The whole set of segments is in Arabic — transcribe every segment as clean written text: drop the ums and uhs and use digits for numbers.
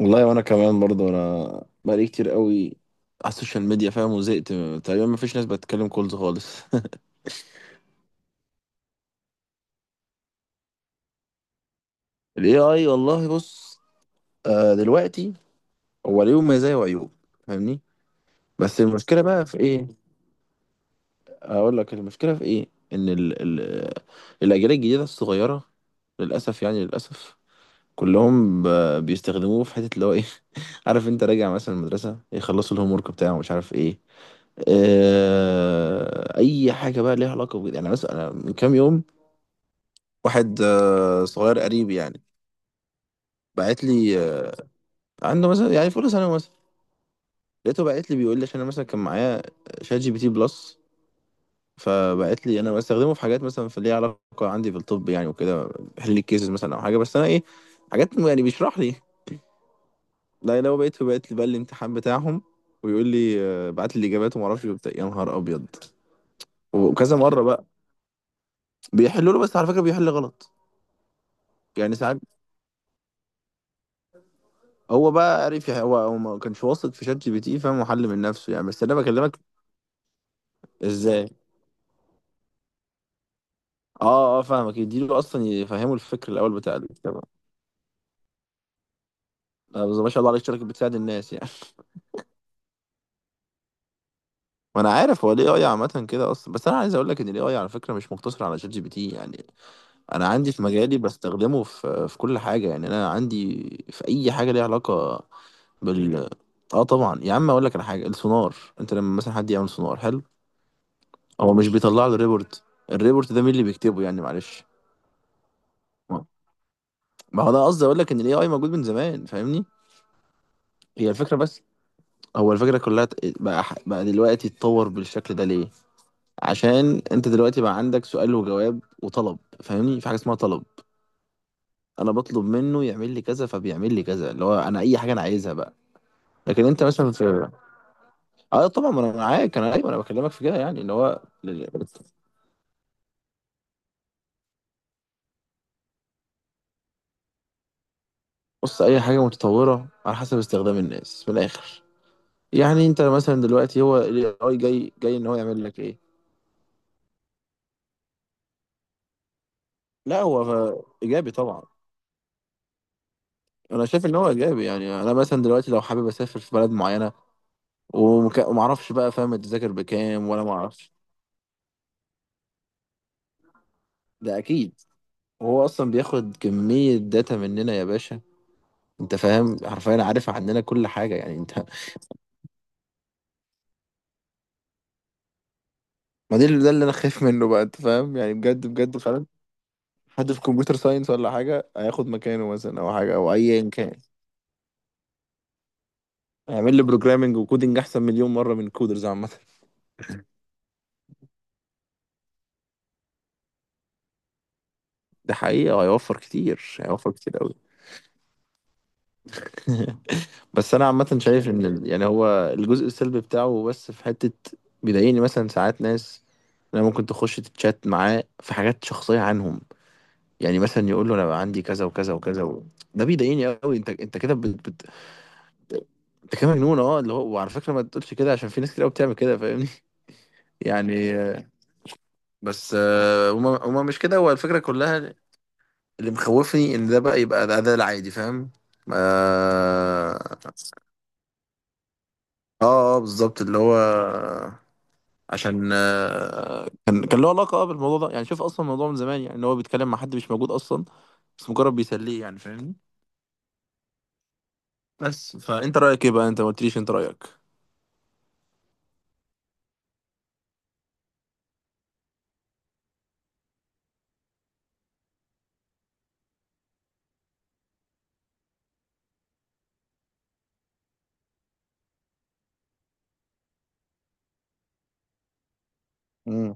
والله وانا كمان برضه انا بقالي كتير قوي على السوشيال ميديا فاهم، وزهقت. تقريبا مفيش ناس بتتكلم كولز خالص. ال AI والله بص. دلوقتي هو ليه مزايا وعيوب، فاهمني. بس المشكلة بقى في ايه؟ اقول لك المشكلة في ايه، ان ال الاجيال الجديدة الصغيرة، للاسف يعني للاسف، كلهم بيستخدموه في حتة اللي هو ايه. عارف انت، راجع مثلا المدرسة يخلصوا الهوم ورك بتاعه مش عارف ايه. اي حاجه بقى ليها علاقه بجد، يعني مثلا أنا من كام يوم، واحد صغير قريب يعني، بعت لي عنده مثلا يعني في اولى ثانوي مثلا. لقيته بعت لي بيقول لي عشان انا مثلا كان معايا شات جي بي تي بلس، فبعت لي انا بستخدمه في حاجات مثلا في ليها علاقه عندي في الطب يعني وكده، بحل لي الكيسز مثلا او حاجه، بس انا ايه حاجات يعني بيشرح لي. لا لو بقيت لي بقى الامتحان بتاعهم ويقول لي، بعت لي الاجابات وما اعرفش إيه وبتاع. يا نهار ابيض. وكذا مره بقى بيحلوا له، بس على فكره بيحل غلط. يعني ساعات هو بقى عرف هو ما كانش واثق في شات جي بي تي، فاهم، وحل من نفسه يعني. بس انا بكلمك ازاي. اه اه، فاهمك، يديله اصلا يفهمه الفكر الاول بتاع الكتابه. بس ما شاء الله عليك، شركه بتساعد الناس يعني. وانا عارف هو الاي اي عامه كده اصلا، بس انا عايز اقول لك ان الاي اي على فكره مش مقتصر على شات جي بي تي يعني. انا عندي في مجالي بستخدمه في كل حاجه، يعني انا عندي في اي حاجه ليها علاقه بال. اه طبعا يا عم، اقول لك على حاجه السونار. انت لما مثلا حد يعمل سونار حلو، هو مش بيطلع له ريبورت؟ الريبورت ده مين اللي بيكتبه يعني، معلش. ما هو ده قصدي، اقول لك ان الاي اي موجود من زمان فاهمني. هي الفكره بس. هو الفكره كلها بقى دلوقتي اتطور بالشكل ده ليه؟ عشان انت دلوقتي بقى عندك سؤال وجواب وطلب. فاهمني، في حاجه اسمها طلب، انا بطلب منه يعمل لي كذا فبيعمل لي كذا، اللي هو انا اي حاجه انا عايزها بقى. لكن انت مثلا في، اه طبعا ما انا معاك، انا ايوه انا بكلمك في كده، يعني ان هو بص، اي حاجه متطوره على حسب استخدام الناس من الاخر. يعني انت مثلا دلوقتي هو الاي اي جاي جاي ان هو يعمل لك ايه. لا هو ايجابي طبعا. انا شايف ان هو ايجابي، يعني انا مثلا دلوقتي لو حابب اسافر في بلد معينه، وما اعرفش بقى فاهم التذاكر بكام ولا ما اعرفش. ده اكيد. هو اصلا بياخد كميه داتا مننا يا باشا. انت فاهم، حرفيا عارف عننا كل حاجه، يعني انت. ما ده اللي، انا خايف منه بقى، انت فاهم، يعني بجد بجد فعلا. حد في كمبيوتر ساينس ولا حاجه هياخد مكانه مثلا، او حاجه او ايا كان. هيعمل لي بروجرامنج وكودنج احسن مليون مره من كودرز عامه. ده حقيقه، وهيوفر كتير، هيوفر كتير قوي. بس انا عامه شايف ان يعني هو الجزء السلبي بتاعه، بس في حته بيضايقني مثلا ساعات. ناس انا ممكن تخش تتشات معاه في حاجات شخصيه عنهم، يعني مثلا يقول له انا بقى عندي كذا وكذا وكذا و... ده بيضايقني قوي. انت كده انت كده مجنون، اه، اللي هو. وعلى فكره ما تقولش كده، عشان في ناس كتير قوي بتعمل كده فاهمني. يعني بس، هما مش كده هو الفكره كلها. اللي مخوفني ان ده بقى يبقى ده العادي، فاهم. اه اه، بالظبط اللي هو، عشان كان له علاقه بالموضوع ده يعني. شوف اصلا الموضوع من زمان، يعني ان هو بيتكلم مع حد مش موجود اصلا، بس مجرد بيسليه يعني فاهمني. بس فانت رايك ايه بقى؟ انت ما قلتليش انت رايك. مم.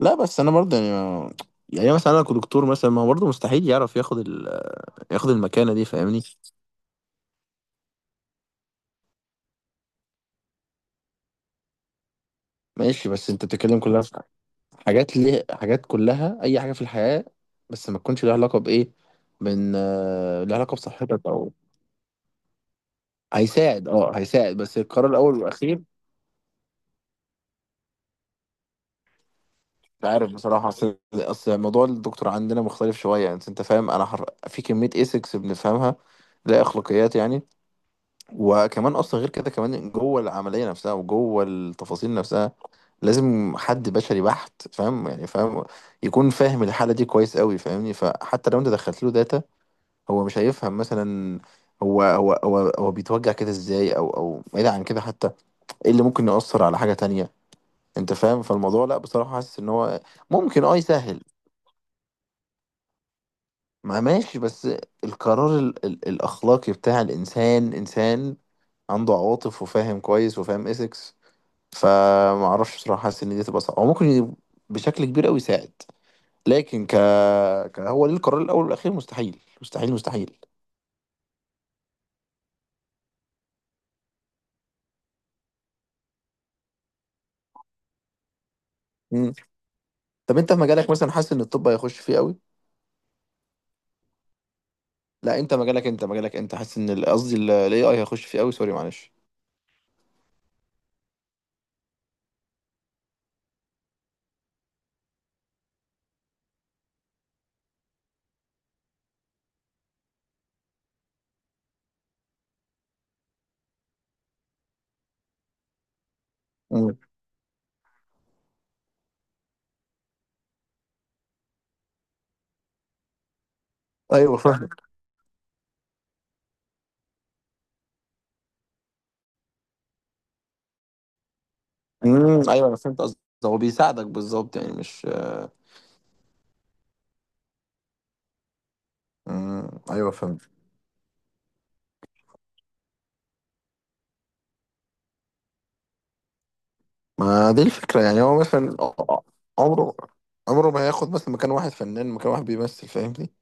لا بس انا برضه يعني يعني مثلا انا كدكتور مثلا، ما هو برضه مستحيل يعرف ياخد ياخد المكانه دي فاهمني. ماشي بس انت بتتكلم كلها في حاجات، ليه حاجات كلها اي حاجه في الحياه، بس ما تكونش لها علاقه بايه، من، لها علاقه بصحتك او، هيساعد بس القرار الاول والاخير. مش عارف بصراحة، أصل موضوع الدكتور عندنا مختلف شوية يعني. أنت فاهم؟ أنا في كمية إيثكس بنفهمها، لا أخلاقيات يعني. وكمان أصلا غير كده، كمان جوه العملية نفسها وجوه التفاصيل نفسها، لازم حد بشري بحت، فاهم يعني، فاهم يكون فاهم الحالة دي كويس قوي فاهمني. فحتى لو أنت دخلت له داتا، هو مش هيفهم مثلا هو بيتوجع كده إزاي، أو بعيد عن كده حتى، إيه اللي ممكن يأثر على حاجة تانية. أنت فاهم؟ فالموضوع لا، بصراحة حاسس إن هو ممكن يسهل. ما ماشي، بس القرار ال الأخلاقي بتاع الإنسان، إنسان عنده عواطف وفاهم كويس وفاهم إيثكس. فمعرفش بصراحة، حاسس إن دي تبقى صعبة. هو ممكن بشكل كبير أوي يساعد، لكن ك... ك هو ليه القرار الأول والأخير، مستحيل مستحيل مستحيل. مم. طب أنت في مجالك مثلا، حاسس إن الطب هيخش فيه أوي؟ لا أنت مجالك، أنت حاسس إن قصدي ال AI هيخش فيه أوي؟ سوري معلش. مم. أيوه فاهم. مم. أيوه أنا فهمت قصدك، هو بيساعدك بالظبط يعني مش. مم. أيوه فهمت. ما دي الفكرة، يعني هو مثلا عمره عمره ما هياخد مثلا مكان واحد فنان، مكان واحد بيمثل، فاهمني؟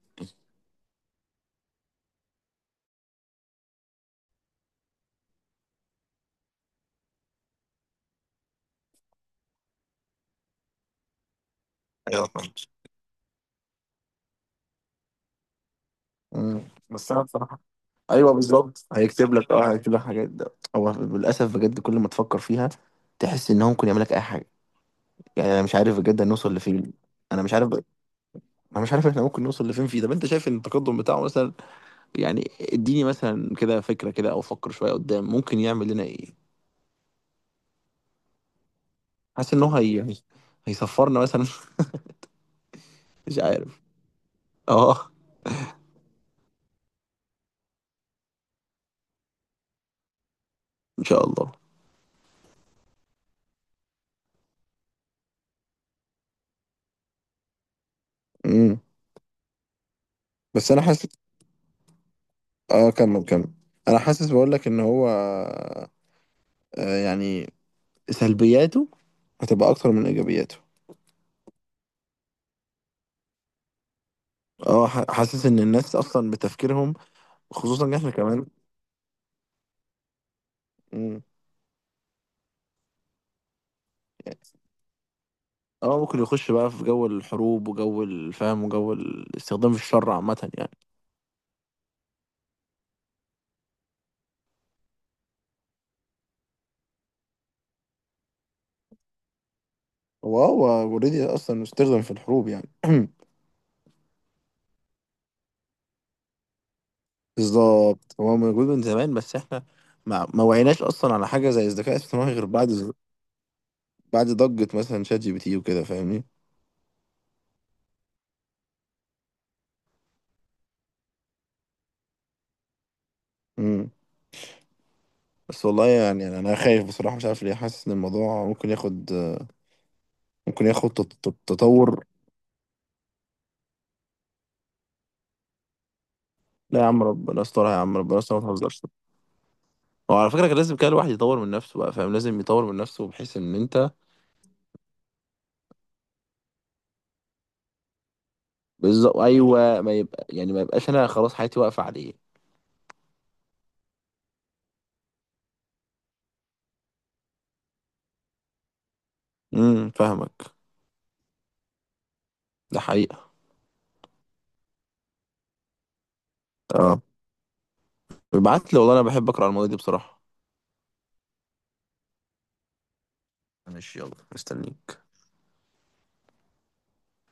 ايوه فاهم. مم. بس انا بصراحة، ايوه بالظبط هيكتب لك حاجات. ده هو للاسف بجد، كل ما تفكر فيها تحس ان هو ممكن يعمل لك اي حاجه. يعني انا مش عارف بجد هنوصل لفين. انا مش عارف. انا مش عارف احنا ممكن نوصل لفين فيه. طب انت شايف ان التقدم بتاعه مثلا، يعني اديني مثلا كده فكره كده، او فكر شويه قدام ممكن يعمل لنا ايه. حاسس ان هي هيصفرنا مثلا. مش عارف. اه. ان شاء الله. امم بس انا حاسس. اه كمل كمل. انا حاسس بقول لك ان هو، يعني سلبياته هتبقى اكتر من ايجابياته. حاسس ان الناس اصلا بتفكيرهم، خصوصا إن احنا كمان، امم اه ممكن يخش بقى في جو الحروب وجو الفهم وجو الاستخدام في الشر عامة يعني. هو اوريدي اصلا استخدم في الحروب يعني. بالظبط هو موجود من زمان، بس احنا ما وعيناش اصلا على حاجة زي الذكاء الاصطناعي غير بعد، بعد ضجة مثلا شات جي بي تي وكده فاهمني. امم بس والله يعني انا أنا خايف بصراحة مش عارف ليه، حاسس ان الموضوع ممكن ياخد، ممكن ياخد تطور. لا يا عم ربنا يسترها، يا عم ربنا يسترها، ما تهزرش. هو على فكرة كان لازم كده الواحد يطور من نفسه بقى، فاهم، لازم يطور من نفسه بحيث ان انت. بالظبط ايوه، ما يبقى يعني ما يبقاش انا خلاص حياتي واقفة عليه. امم، فاهمك. ده حقيقة. اه، ابعت لي والله، انا بحب اقرا على المواضيع دي بصراحة. ماشي يلا مستنيك.